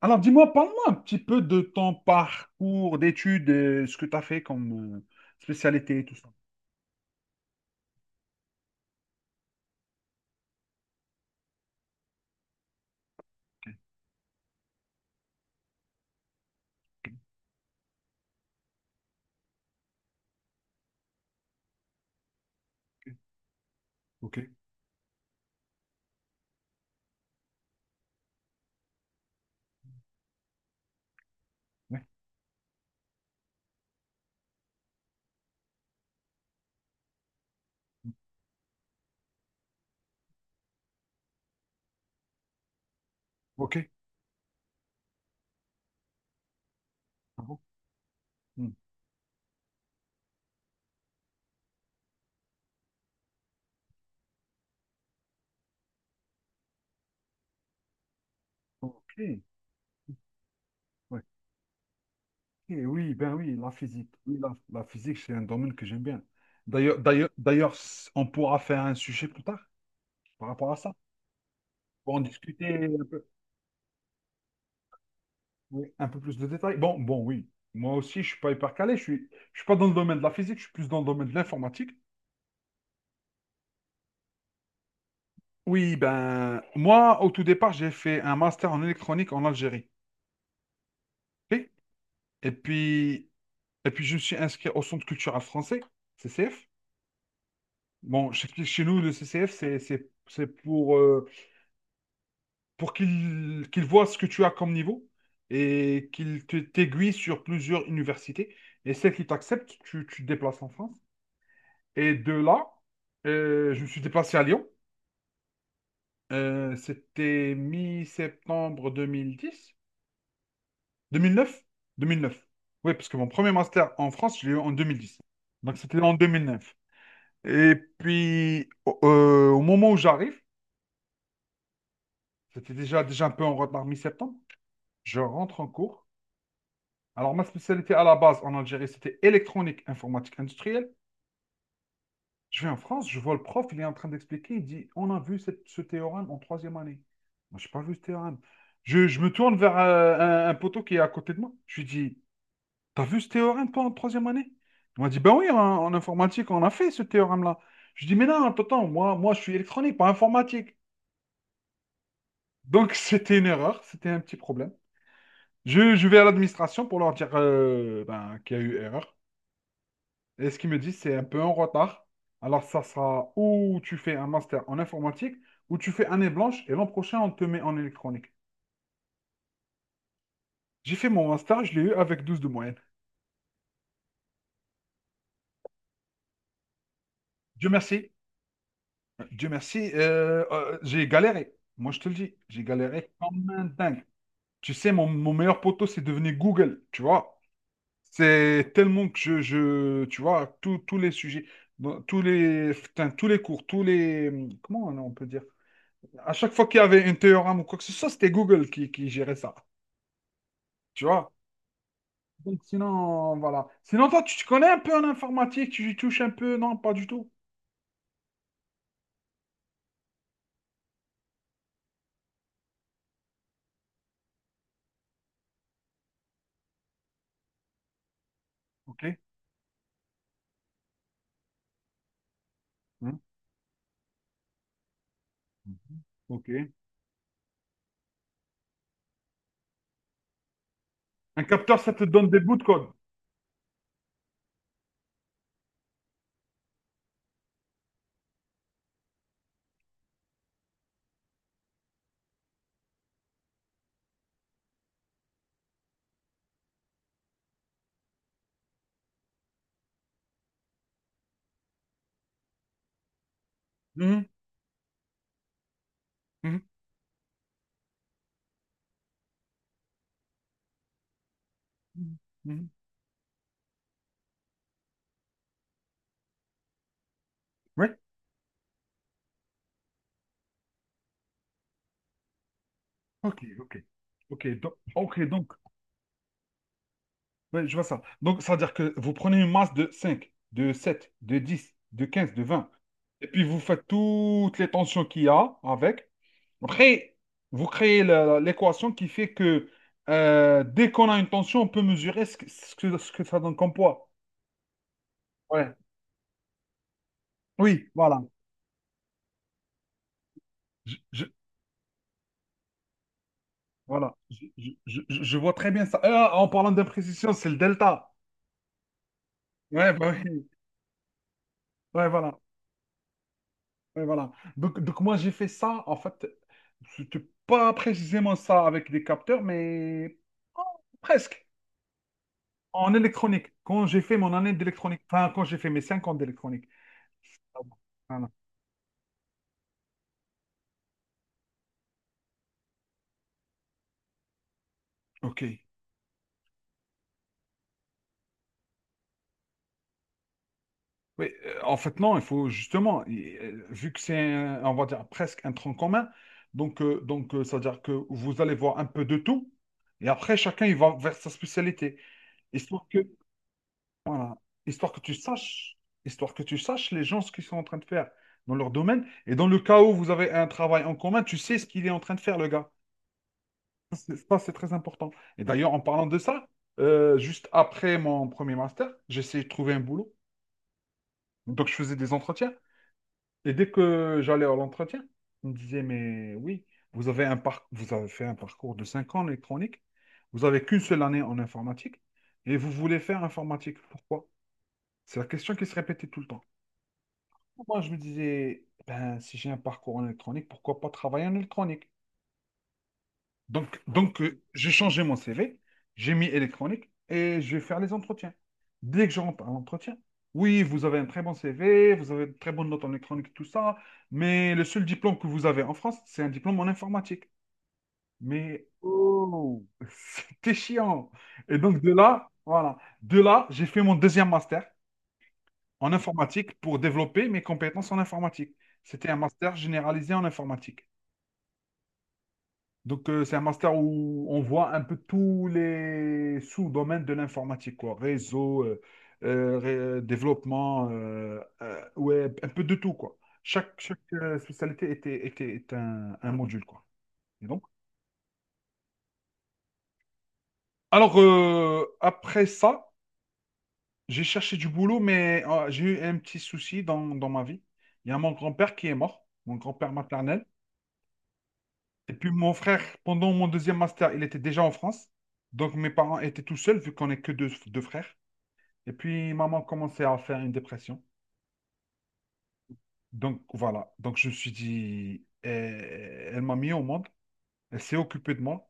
Alors, dis-moi, parle-moi un petit peu de ton parcours d'études, ce que tu as fait comme spécialité et tout ça. Ok. Ok, ok, ok, ouais, ok, ah bon, hmm, ok, ouais, ok. Oui, ben oui, la physique, oui, la physique, c'est un domaine que j'aime bien. D'ailleurs, on pourra faire un sujet plus tard par rapport à ça. Pour en discuter un peu, oui, un peu plus de détails. Bon, oui, moi aussi, je suis pas hyper calé, je suis pas dans le domaine de la physique, je suis plus dans le domaine de l'informatique. Oui, ben, moi, au tout départ, j'ai fait un master en électronique en Algérie. Ok. Et puis, et puis, je me suis inscrit au Centre culturel français, CCF. Bon, je t'explique, chez nous, le CCF, c'est pour qu'il voit ce que tu as comme niveau et qu'il t'aiguille sur plusieurs universités. Et celle qui t'accepte, tu te déplaces en France. Et de là, je me suis déplacé à Lyon. C'était mi-septembre 2010. 2009? 2009. Oui, parce que mon premier master en France, je l'ai eu en 2010. Donc, c'était en 2009. Et puis, au moment où j'arrive, c'était déjà un peu en retard mi-septembre. Je rentre en cours. Alors, ma spécialité à la base en Algérie, c'était électronique, informatique industrielle. Je vais en France, je vois le prof, il est en train d'expliquer, il dit, on a vu ce théorème en troisième année. Moi, je n'ai pas vu ce théorème. Je me tourne vers un poteau qui est à côté de moi. Je lui dis, t'as vu ce théorème, toi, en troisième année? Il m'a dit, ben oui, en informatique, on a fait ce théorème-là. Je dis, mais non, attends, attends, moi, moi, je suis électronique, pas informatique. Donc, c'était une erreur, c'était un petit problème. Je vais à l'administration pour leur dire ben, qu'il y a eu erreur. Et ce qu'ils me disent, c'est un peu en retard. Alors, ça sera ou tu fais un master en informatique, ou tu fais année blanche, et l'an prochain, on te met en électronique. J'ai fait mon master, je l'ai eu avec 12 de moyenne. Dieu merci. Dieu merci, j'ai galéré. Moi, je te le dis, j'ai galéré comme un dingue. Tu sais, mon meilleur poteau, c'est devenu Google, tu vois. C'est tellement que je, tu vois, tous les sujets, tous les, putain, tous les cours, tous les, comment on peut dire? À chaque fois qu'il y avait un théorème ou quoi que ce soit, c'était Google qui gérait ça, tu vois. Donc, sinon, voilà. Sinon, toi, tu te connais un peu en informatique, tu y touches un peu? Non, pas du tout. OK. Hmm. OK. Un capteur, ça te donne des bouts de code. Mhm. Mhm. Mhm. Mhm. Oui, ok, ok. Ok, donc, ouais, je vois ça. Donc, ça veut dire que vous prenez une masse de 5, de 7, de 10, de 15, de 20, et puis vous faites toutes les tensions qu'il y a avec. Après, vous créez l'équation qui fait que dès qu'on a une tension, on peut mesurer ce que ça donne comme poids. Ouais. Oui, voilà. Je, je- voilà. Je vois très bien ça. Ah, en parlant d'imprécision, c'est le delta. Ouais, bah oui. Ouais, voilà. Ouais, voilà. Donc moi, j'ai fait ça, en fait, c'était pas précisément ça avec des capteurs, mais oh, presque, en électronique. Quand j'ai fait mon année d'électronique, enfin, quand j'ai fait mes 5 ans d'électronique. Ah bon. Voilà. OK. Oui, en fait, non, il faut justement, vu que c'est, on va dire, presque un tronc commun, donc, ça veut dire que vous allez voir un peu de tout, et après, chacun, il va vers sa spécialité. Histoire que, Voilà. Histoire que tu saches, histoire que tu saches les gens ce qu'ils sont en train de faire dans leur domaine. Et dans le cas où vous avez un travail en commun, tu sais ce qu'il est en train de faire, le gars. Ça, c'est très important. Et d'ailleurs, en parlant de ça, juste après mon premier master, j'essayais de trouver un boulot. Donc, je faisais des entretiens. Et dès que j'allais à l'entretien, on me disait, mais oui, vous avez vous avez fait un parcours de 5 ans en électronique. Vous avez qu'une seule année en informatique. Et vous voulez faire informatique. Pourquoi? C'est la question qui se répétait tout le temps. Moi, je me disais, ben, si j'ai un parcours en électronique, pourquoi pas travailler en électronique? Donc, j'ai changé mon CV, j'ai mis électronique et je vais faire les entretiens. Dès que je rentre à l'entretien, oui, vous avez un très bon CV, vous avez de très bonnes notes en électronique, tout ça, mais le seul diplôme que vous avez en France, c'est un diplôme en informatique. Mais oh, c'était chiant. Et donc, de là, voilà, de là, j'ai fait mon deuxième master en informatique pour développer mes compétences en informatique. C'était un master généralisé en informatique. Donc, c'est un master où on voit un peu tous les sous-domaines de l'informatique, quoi. Réseau, développement, web, un peu de tout, quoi. Chaque spécialité est un module, quoi. Et donc, alors, après ça, j'ai cherché du boulot, mais j'ai eu un petit souci dans ma vie. Il y a mon grand-père qui est mort, mon grand-père maternel. Et puis mon frère, pendant mon deuxième master, il était déjà en France. Donc mes parents étaient tout seuls, vu qu'on est que deux, deux frères. Et puis maman commençait à faire une dépression. Donc voilà. Donc je me suis dit, elle m'a mis au monde, elle s'est occupée de moi.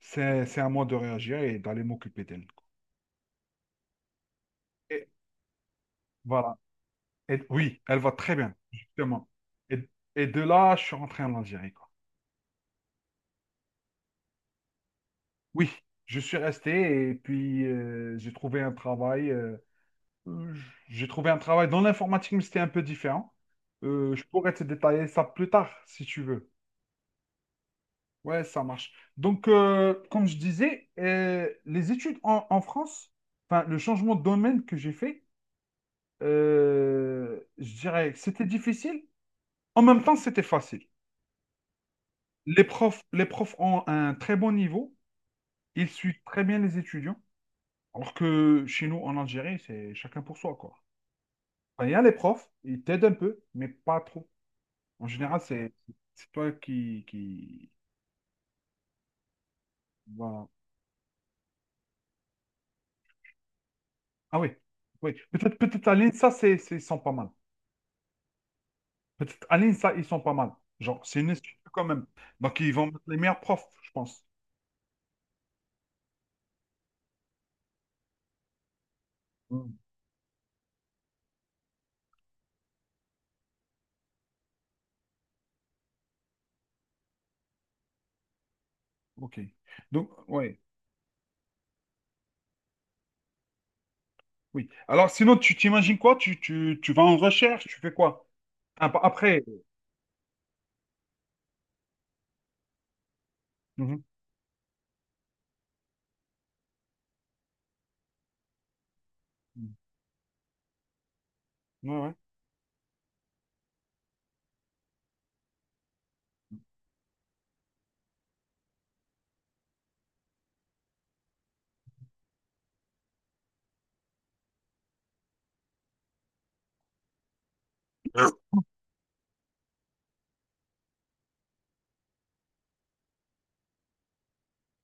C'est à moi de réagir et d'aller m'occuper d'elle. Et voilà. Et oui, elle va très bien, justement. Et, et de là, je suis rentré en Algérie, quoi. Oui, je suis resté et puis j'ai trouvé un travail. Euh, J'ai trouvé un travail dans l'informatique, mais c'était un peu différent. Je pourrais te détailler ça plus tard, si tu veux. Ouais, ça marche. Donc, comme je disais, les études en France, enfin, le changement de domaine que j'ai fait, je dirais que c'était difficile. En même temps, c'était facile. Les profs ont un très bon niveau. Ils suivent très bien les étudiants. Alors que chez nous, en Algérie, c'est chacun pour soi, quoi. Enfin, il y a les profs, ils t'aident un peu, mais pas trop. En général, c'est toi qui... Voilà. Ah oui, oui. Peut-être à l'INSA, ils sont pas mal. Peut-être à l'INSA, ils sont pas mal. Genre, c'est une institut quand même. Donc, ils vont mettre les meilleurs profs, je pense. Hmm, OK. Donc, ouais, oui. Alors, sinon, tu t'imagines quoi? Tu vas en recherche, tu fais quoi? Ah, bah, après. Mhm. Ouais, ouais.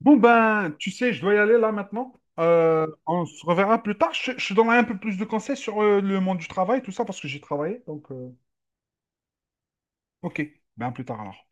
Bon, ben, tu sais, je dois y aller là maintenant. On se reverra plus tard. Je te donnerai un peu plus de conseils sur le monde du travail, tout ça, parce que j'ai travaillé. Ok, ben à plus tard alors.